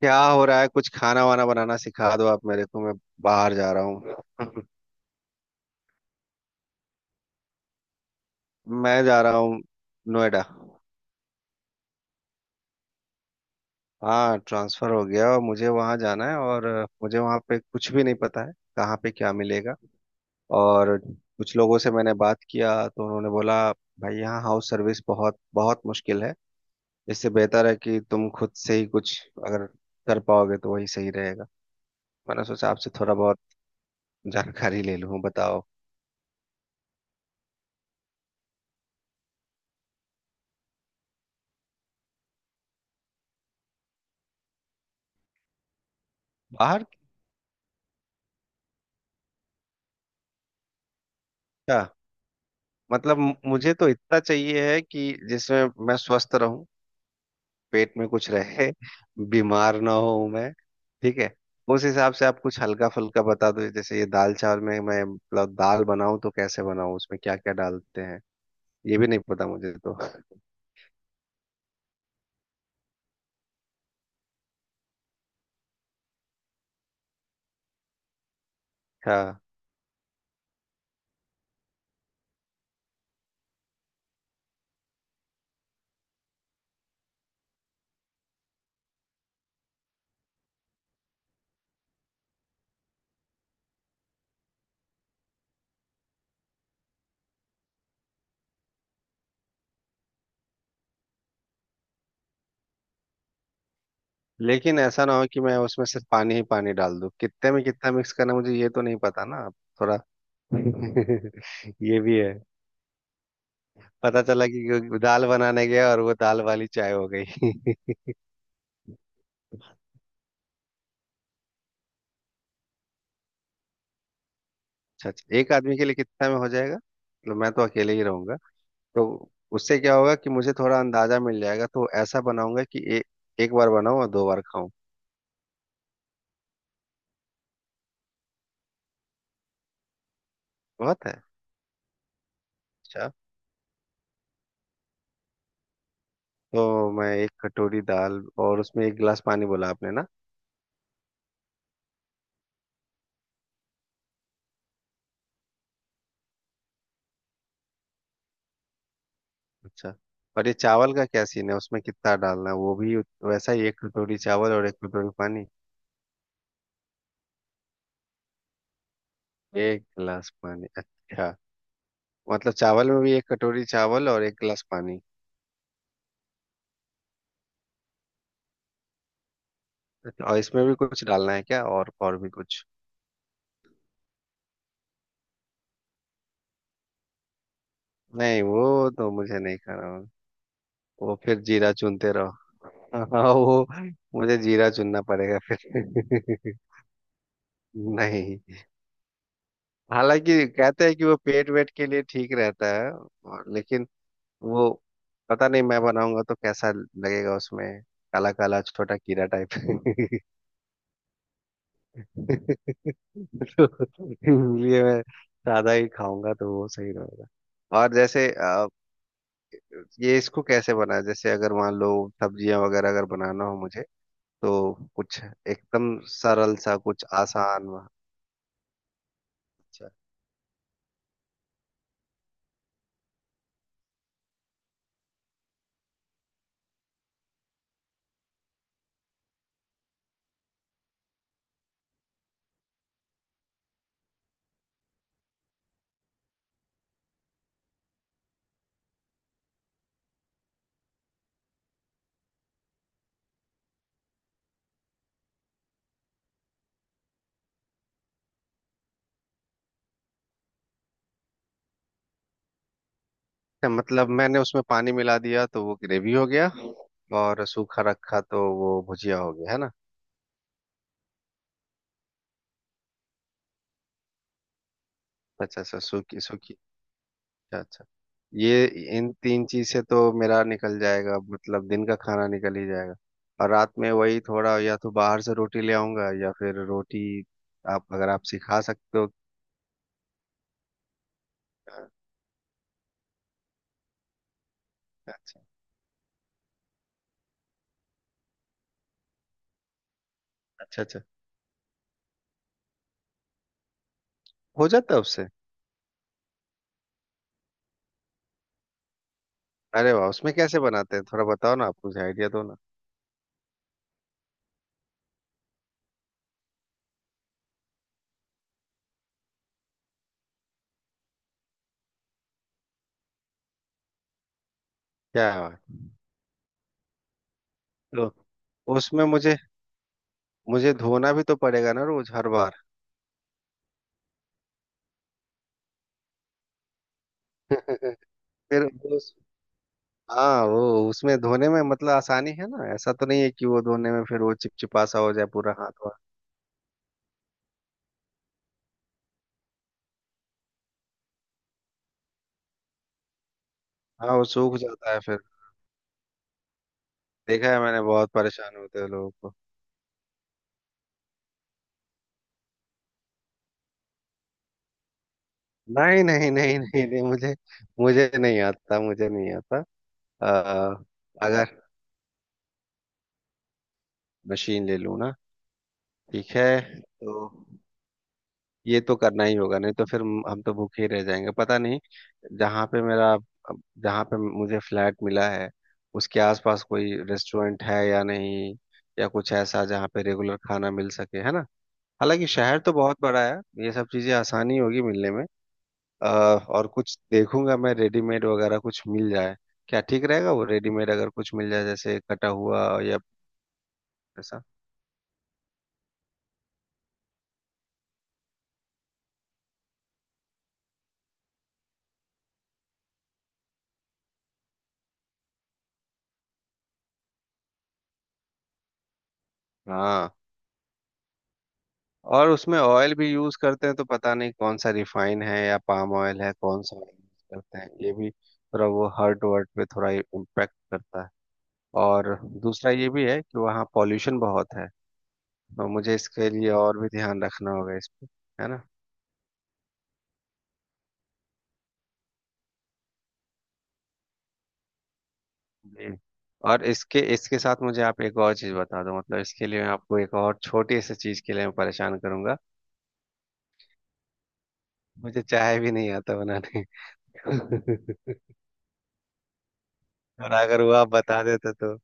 क्या हो रहा है? कुछ खाना वाना बनाना सिखा दो आप मेरे को। मैं बाहर जा रहा हूँ। मैं जा रहा हूँ नोएडा। हाँ, ट्रांसफर हो गया और मुझे वहाँ जाना है। और मुझे वहाँ पे कुछ भी नहीं पता है कहाँ पे क्या मिलेगा। और कुछ लोगों से मैंने बात किया तो उन्होंने बोला, भाई यहाँ हाउस सर्विस बहुत बहुत मुश्किल है। इससे बेहतर है कि तुम खुद से ही कुछ अगर कर पाओगे तो वही सही रहेगा। मैंने सोचा आपसे थोड़ा बहुत जानकारी ले लूँ, बताओ। बाहर क्या? मतलब मुझे तो इतना चाहिए है कि जिसमें मैं स्वस्थ रहूं, पेट में कुछ रहे, बीमार ना हो मैं। ठीक है। उस हिसाब से आप कुछ हल्का फुल्का बता दो। जैसे ये दाल चावल में, मैं मतलब दाल बनाऊं तो कैसे बनाऊं? उसमें क्या क्या डालते हैं? ये भी नहीं पता मुझे तो। हाँ, लेकिन ऐसा ना हो कि मैं उसमें सिर्फ पानी ही पानी डाल दूं। कितने में कितना मिक्स करना, मुझे ये तो नहीं पता ना। थोड़ा ये भी है। पता चला कि दाल बनाने गया और वो दाल वाली चाय हो गई। अच्छा अच्छा। एक आदमी के लिए कितना में हो जाएगा? मतलब मैं तो अकेले ही रहूंगा। तो उससे क्या होगा कि मुझे थोड़ा अंदाजा मिल जाएगा, तो ऐसा बनाऊंगा कि एक बार बनाऊं और दो बार खाऊं। बहुत है। अच्छा। तो मैं एक कटोरी दाल और उसमें एक गिलास पानी, बोला आपने ना? अच्छा। और ये चावल का क्या सीन है? उसमें कितना डालना है? वो भी वैसा ही, एक कटोरी चावल और एक कटोरी पानी? एक गिलास पानी, अच्छा। मतलब चावल में भी एक कटोरी चावल और एक गिलास पानी? अच्छा, और इसमें भी कुछ डालना है क्या? और भी कुछ? नहीं, वो तो मुझे नहीं खाना। वो फिर जीरा चुनते रहो। हाँ वो, मुझे जीरा चुनना पड़ेगा फिर। नहीं। हालांकि कहते हैं कि वो पेट वेट के लिए ठीक रहता है लेकिन वो, पता नहीं मैं बनाऊंगा तो कैसा लगेगा उसमें। काला काला छोटा कीड़ा टाइप। तो इसलिए मैं सादा ही खाऊंगा तो वो सही रहेगा। और जैसे ये इसको कैसे बनाया? जैसे अगर मान लो सब्जियां वगैरह अगर बनाना हो मुझे, तो कुछ एकदम सरल सा, कुछ आसान अच्छा। अच्छा, मतलब मैंने उसमें पानी मिला दिया तो वो ग्रेवी हो गया। और सूखा रखा तो वो भुजिया हो गया है ना। अच्छा अच्छा, सूखी सूखी। अच्छा अच्छा। ये इन तीन चीज से तो मेरा निकल जाएगा, मतलब दिन का खाना निकल ही जाएगा। और रात में वही थोड़ा, या तो बाहर से रोटी ले आऊंगा या फिर रोटी आप अगर आप सिखा सकते हो। अच्छा अच्छा। अच्छा, हो जाता है उससे? अरे वाह, उसमें कैसे बनाते हैं? थोड़ा बताओ ना, आप कुछ आइडिया दो ना। क्या है? तो उसमें मुझे, मुझे धोना भी तो पड़ेगा ना रोज हर बार? फिर वो, हाँ वो उसमें धोने में मतलब आसानी है ना? ऐसा तो नहीं है कि वो धोने में फिर वो चिपचिपा सा हो जाए पूरा हाथ वाथ? हाँ वो सूख जाता है फिर। देखा है मैंने, बहुत परेशान होते हैं लोगों को। नहीं नहीं नहीं नहीं नहीं, मुझे, मुझे नहीं आता, मुझे नहीं आता। आ, अगर मशीन ले लूँ ना? ठीक है। तो ये तो करना ही होगा, नहीं तो फिर हम तो भूखे ही रह जाएंगे। पता नहीं जहाँ पे मेरा, जहाँ पे मुझे फ्लैट मिला है उसके आसपास कोई रेस्टोरेंट है या नहीं, या कुछ ऐसा जहाँ पे रेगुलर खाना मिल सके, है ना? हालांकि शहर तो बहुत बड़ा है, ये सब चीजें आसानी होगी मिलने में। अ, और कुछ देखूंगा मैं, रेडीमेड वगैरह कुछ मिल जाए क्या? ठीक रहेगा वो रेडीमेड अगर कुछ मिल जाए, जैसे कटा हुआ या ऐसा? हाँ। और उसमें ऑयल भी यूज करते हैं तो पता नहीं कौन सा, रिफाइन है या पाम ऑयल है, कौन सा ऑयल यूज करते हैं। ये भी थोड़ा वो हार्ट वर्ट पे थोड़ा इम्पेक्ट करता है। और दूसरा ये भी है कि वहाँ पॉल्यूशन बहुत है। तो मुझे इसके लिए और भी ध्यान रखना होगा इस पे, है ना? जी। और इसके इसके साथ मुझे आप एक और चीज़ बता दो। मतलब इसके लिए मैं आपको एक और छोटी सी चीज़ के लिए मैं परेशान करूंगा। मुझे चाय भी नहीं आता बनाने। और अगर वो आप बता देते तो।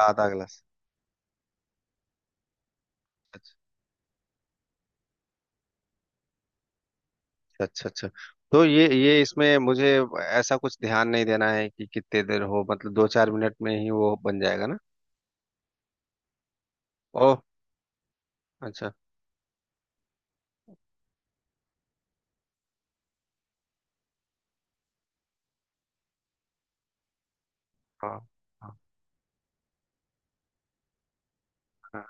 आधा गिलास? अच्छा अच्छा। तो ये इसमें मुझे ऐसा कुछ ध्यान नहीं देना है कि कितने देर हो? मतलब दो चार मिनट में ही वो बन जाएगा ना? ओह, अच्छा। हाँ। हाँ। हाँ,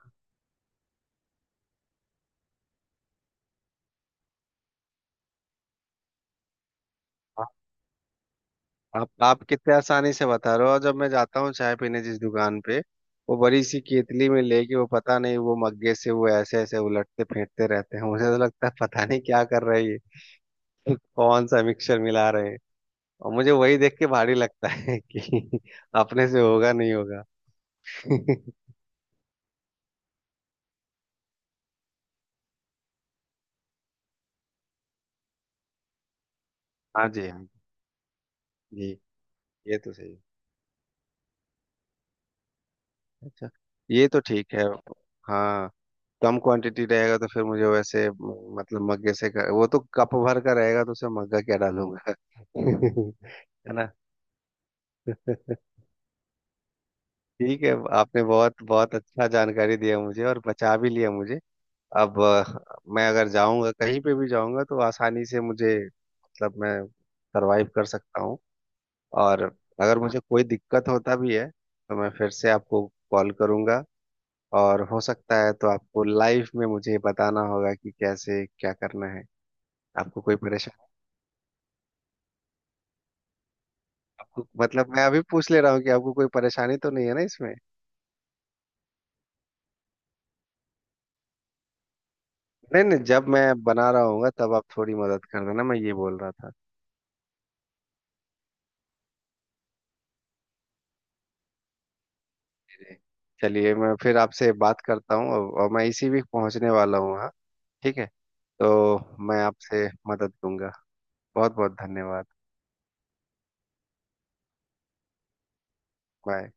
हाँ। आप कितने आसानी से बता रहे हो, और जब मैं जाता हूँ चाय पीने जिस दुकान पे, वो बड़ी सी केतली में लेके वो, पता नहीं वो मग्गे से वो ऐसे ऐसे उलटते फेंटते रहते हैं। मुझे तो लगता है पता नहीं क्या कर रहे हैं ये। कौन सा मिक्सचर मिला रहे हैं। और मुझे वही देख के भारी लगता है कि अपने से होगा नहीं होगा। हाँ जी हाँ। जी, ये तो सही है। अच्छा। ये तो ठीक है। हाँ। कम क्वांटिटी रहेगा तो फिर मुझे वैसे मतलब मग्गे से कर, वो तो कप भर का रहेगा तो उसमें मग्गा क्या डालूंगा। है ना? ठीक है। आपने बहुत बहुत अच्छा जानकारी दिया मुझे, और बचा भी लिया मुझे। अब मैं अगर जाऊंगा कहीं पे भी जाऊंगा तो आसानी से मुझे, मतलब मैं सरवाइव कर सकता हूँ। और अगर मुझे कोई दिक्कत होता भी है तो मैं फिर से आपको कॉल करूंगा। और हो सकता है तो आपको लाइफ में मुझे बताना होगा कि कैसे क्या करना है। आपको कोई परेशानी, आपको मतलब मैं अभी पूछ ले रहा हूँ कि आपको कोई परेशानी तो नहीं है ना इसमें? नहीं नहीं, जब मैं बना रहा हूँगा तब आप थोड़ी मदद कर देना, मैं ये बोल रहा था। जी। चलिए, मैं फिर आपसे बात करता हूँ। और मैं इसी वीक पहुँचने वाला हूँ, हाँ। ठीक है। तो मैं आपसे मदद लूंगा। बहुत बहुत धन्यवाद। बाय।